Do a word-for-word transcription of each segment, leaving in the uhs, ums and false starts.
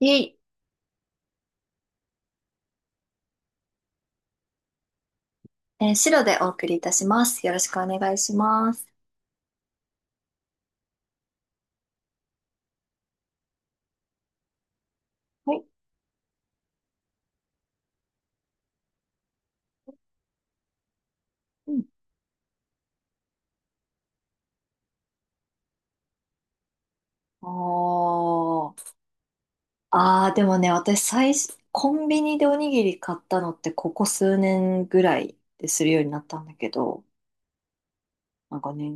いえい、えー白でお送りいたします。よろしくお願いします。はい。うん。おー。ああ、でもね、私最初、コンビニでおにぎり買ったのってここ数年ぐらいでするようになったんだけど、なんかね、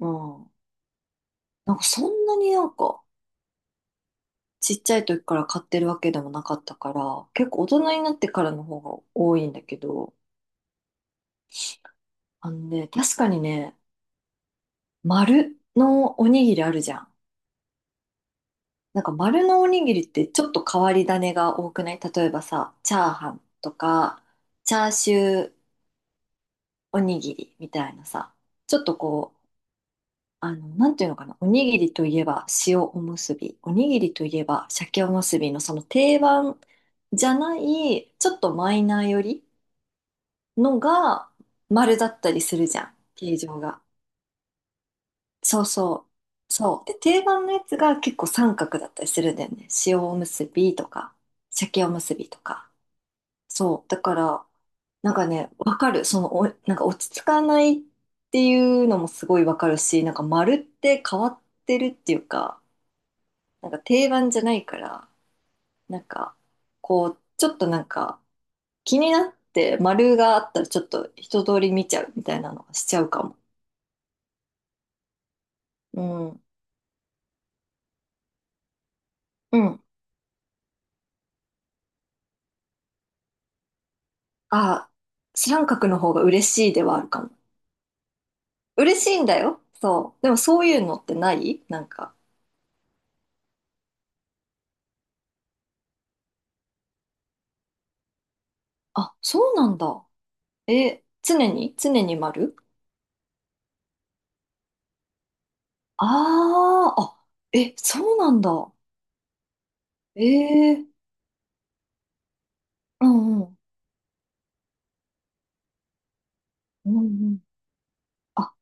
うん。なんかそんなになんかちっちゃい時から買ってるわけでもなかったから、結構大人になってからの方が多いんだけど、あのね、確かにね、丸のおにぎりあるじゃん。なんか丸のおにぎりってちょっと変わり種が多くない？例えばさ、チャーハンとか、チャーシューおにぎりみたいなさ、ちょっとこう、あの、なんていうのかな、おにぎりといえば塩おむすび、おにぎりといえば鮭おむすびのその定番じゃない、ちょっとマイナーよりのが丸だったりするじゃん、形状が。そうそう。そう。で、定番のやつが結構三角だったりするんだよね。塩おむすびとか、鮭おむすびとか。そう。だから、なんかね、わかる。その、お、なんか落ち着かないっていうのもすごいわかるし、なんか丸って変わってるっていうか、なんか定番じゃないから、なんか、こう、ちょっとなんか気になって丸があったらちょっと一通り見ちゃうみたいなのはしちゃうかも。うん。うん。あ、知らん角の方が嬉しいではあるかも。嬉しいんだよ。そう。でもそういうのってないなんか、あ、そうなんだ。え、常に常に丸？ああ、あ、え、そうなんだ。ええ、うんうん、うんうん。あ、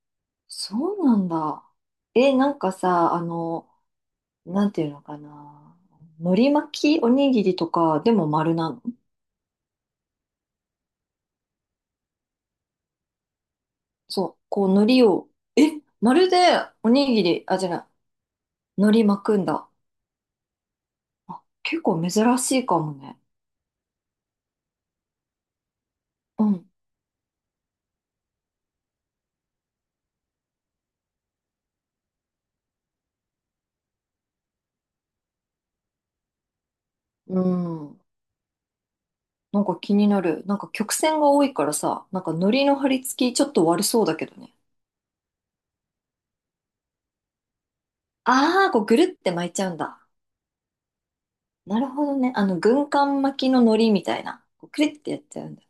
そうなんだ。え、なんかさ、あの、なんていうのかな。海苔巻きおにぎりとかでも丸なの？そう、こう海苔を、え、丸でおにぎり、あ、じゃない、海苔巻くんだ。あ、結構珍しいかもね。うん。うん。なんか気になる。なんか曲線が多いからさ、なんか海苔の貼り付きちょっと悪そうだけどね。ああ、こうぐるって巻いちゃうんだ。なるほどね。あの、軍艦巻きの海苔みたいな。こうくるってやっちゃうんだ。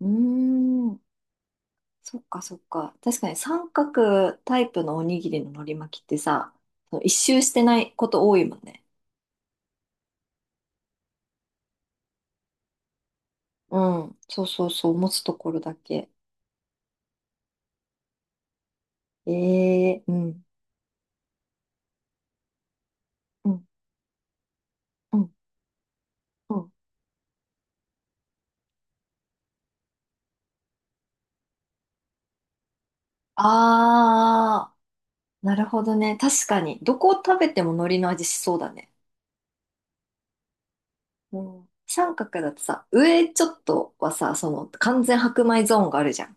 うーん。そっかそっか。確かに三角タイプのおにぎりの海苔巻きってさ、その一周してないこと多いもんね。うん。そうそうそう。持つところだけ。ええ、うん。うん。うん。うん。ああ、なるほどね。確かに。どこを食べても海苔の味しそうだね。うん、三角だとさ、上ちょっとはさ、その完全白米ゾーンがあるじゃん。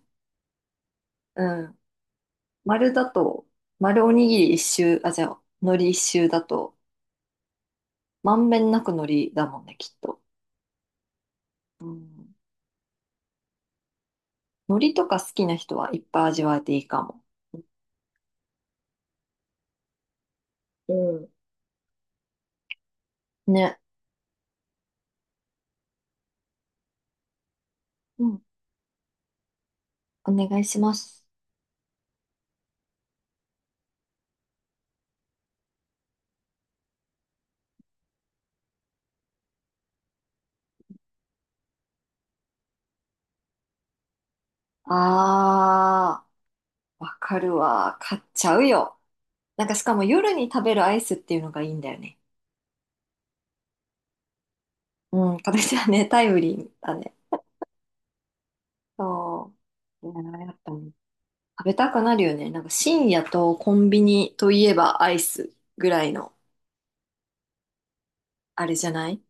うん。丸だと、丸おにぎり一周、あ、じゃあ、海苔一周だと、まんべんなく海苔だもんね、きっと。うん。海苔とか好きな人はいっぱい味わえていいかも。うん。ね。うん。お願いします。あー、わかるわ。買っちゃうよ。なんかしかも夜に食べるアイスっていうのがいいんだよね。うん、これじゃね、タイムリーだね。そう。いや、やっぱね食べたくなるよね。なんか深夜とコンビニといえばアイスぐらいの、あれじゃない？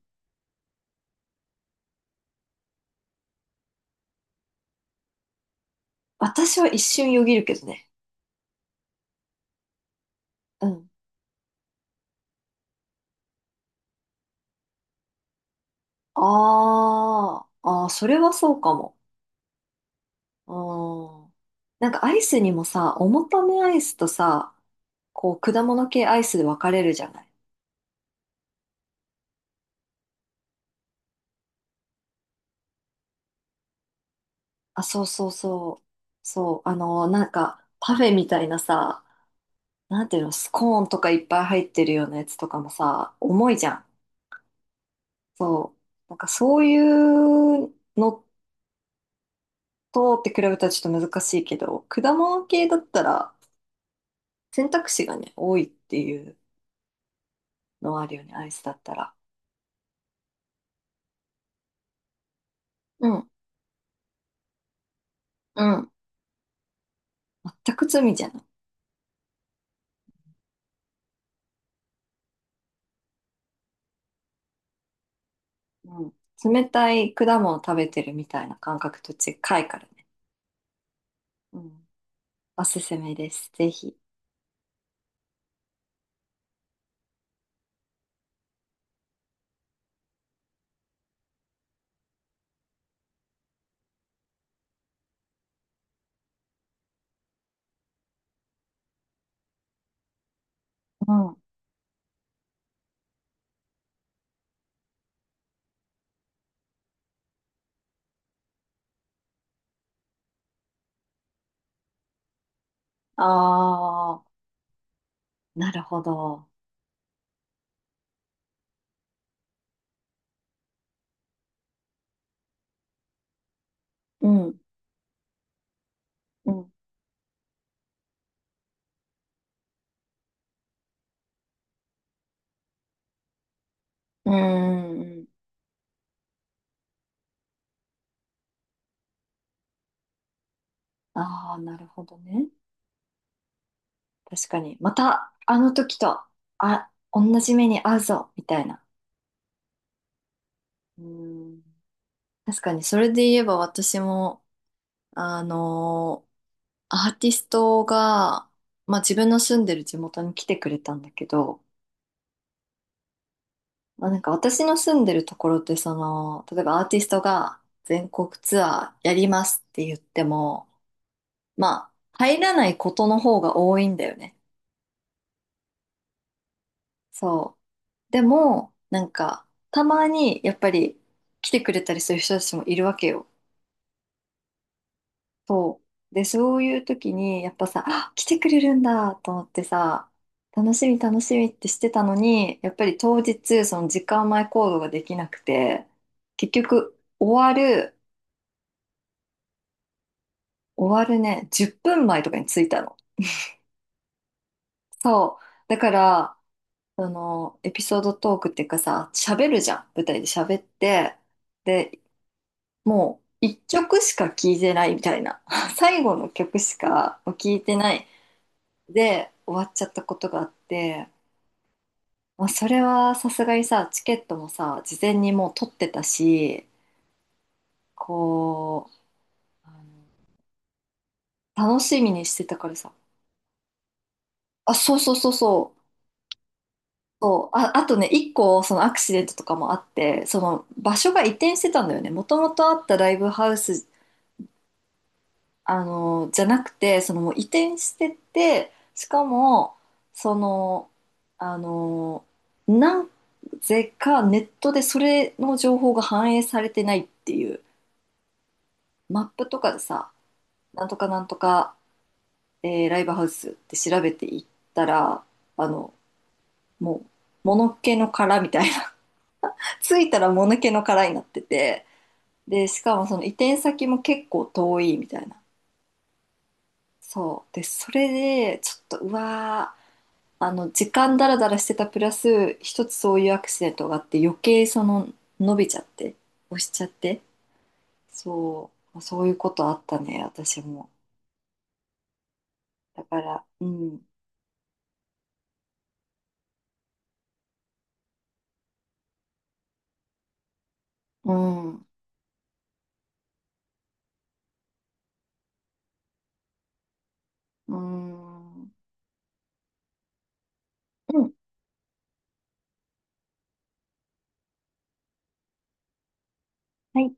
私は一瞬よぎるけどね。うん。あーあー、それはそうかも。うん。なんかアイスにもさ、重ためアイスとさ、こう果物系アイスで分かれるじゃない。あ、そうそうそう。そう、あの、なんかパフェみたいなさ、なんていうの、スコーンとかいっぱい入ってるようなやつとかもさ、重いじゃん。そう。なんかそういうのとって比べたらちょっと難しいけど、果物系だったら選択肢がね、多いっていうのはあるよね、アイスだったら。うん、うん、全く罪じゃない。うん、冷たい果物を食べてるみたいな感覚と近いからね。うん。おすすめです。ぜひ。うん、ああ、なるほど。うん、うん、うん、うん。ああ、なるほどね。確かに。また、あの時と、あ、同じ目に遭うぞ、みたいな。うん。確かに、それで言えば私も、あのアーティストが、まあ自分の住んでる地元に来てくれたんだけど、まあなんか私の住んでるところって、その、例えばアーティストが全国ツアーやりますって言っても、まあ、入らないことの方が多いんだよね。そう。でも、なんか、たまにやっぱり来てくれたりする人たちもいるわけよ。そう。で、そういう時に、やっぱさ、あ、来てくれるんだと思ってさ、楽しみ楽しみってしてたのに、やっぱり当日、その時間前行動ができなくて、結局、終わる、終わるね、じゅっぷんまえとかに着いたの。そう。だから、その、エピソードトークっていうかさ、喋るじゃん。舞台で喋って、で、もう一曲しか聴いてないみたいな 最後の曲しか聴いてないで終わっちゃったことがあって、まあ、それはさすがにさチケットもさ事前にもう取ってたし、こう、あの楽しみにしてたからさ、あ、そうそうそうそうそう、あ、あとね一個そのアクシデントとかもあって、その場所が移転してたんだよね、もともとあったライブハウス、あの、じゃなくて、そのもう移転してって、しかも、その、あの、なぜかネットでそれの情報が反映されてないっていう、マップとかでさ、なんとかなんとか、えーライブハウスって調べていったら、あの、もう、もぬけの殻みたいな、着いたらもぬけの殻になってて、で、しかもその移転先も結構遠いみたいな。そう。で、それで、ちょっと、うわー、あの、時間だらだらしてたプラス、一つそういうアクシデントがあって、余計その、伸びちゃって、押しちゃって、そう、そういうことあったね、私も。だから、うん、うん、うん、うん、はい。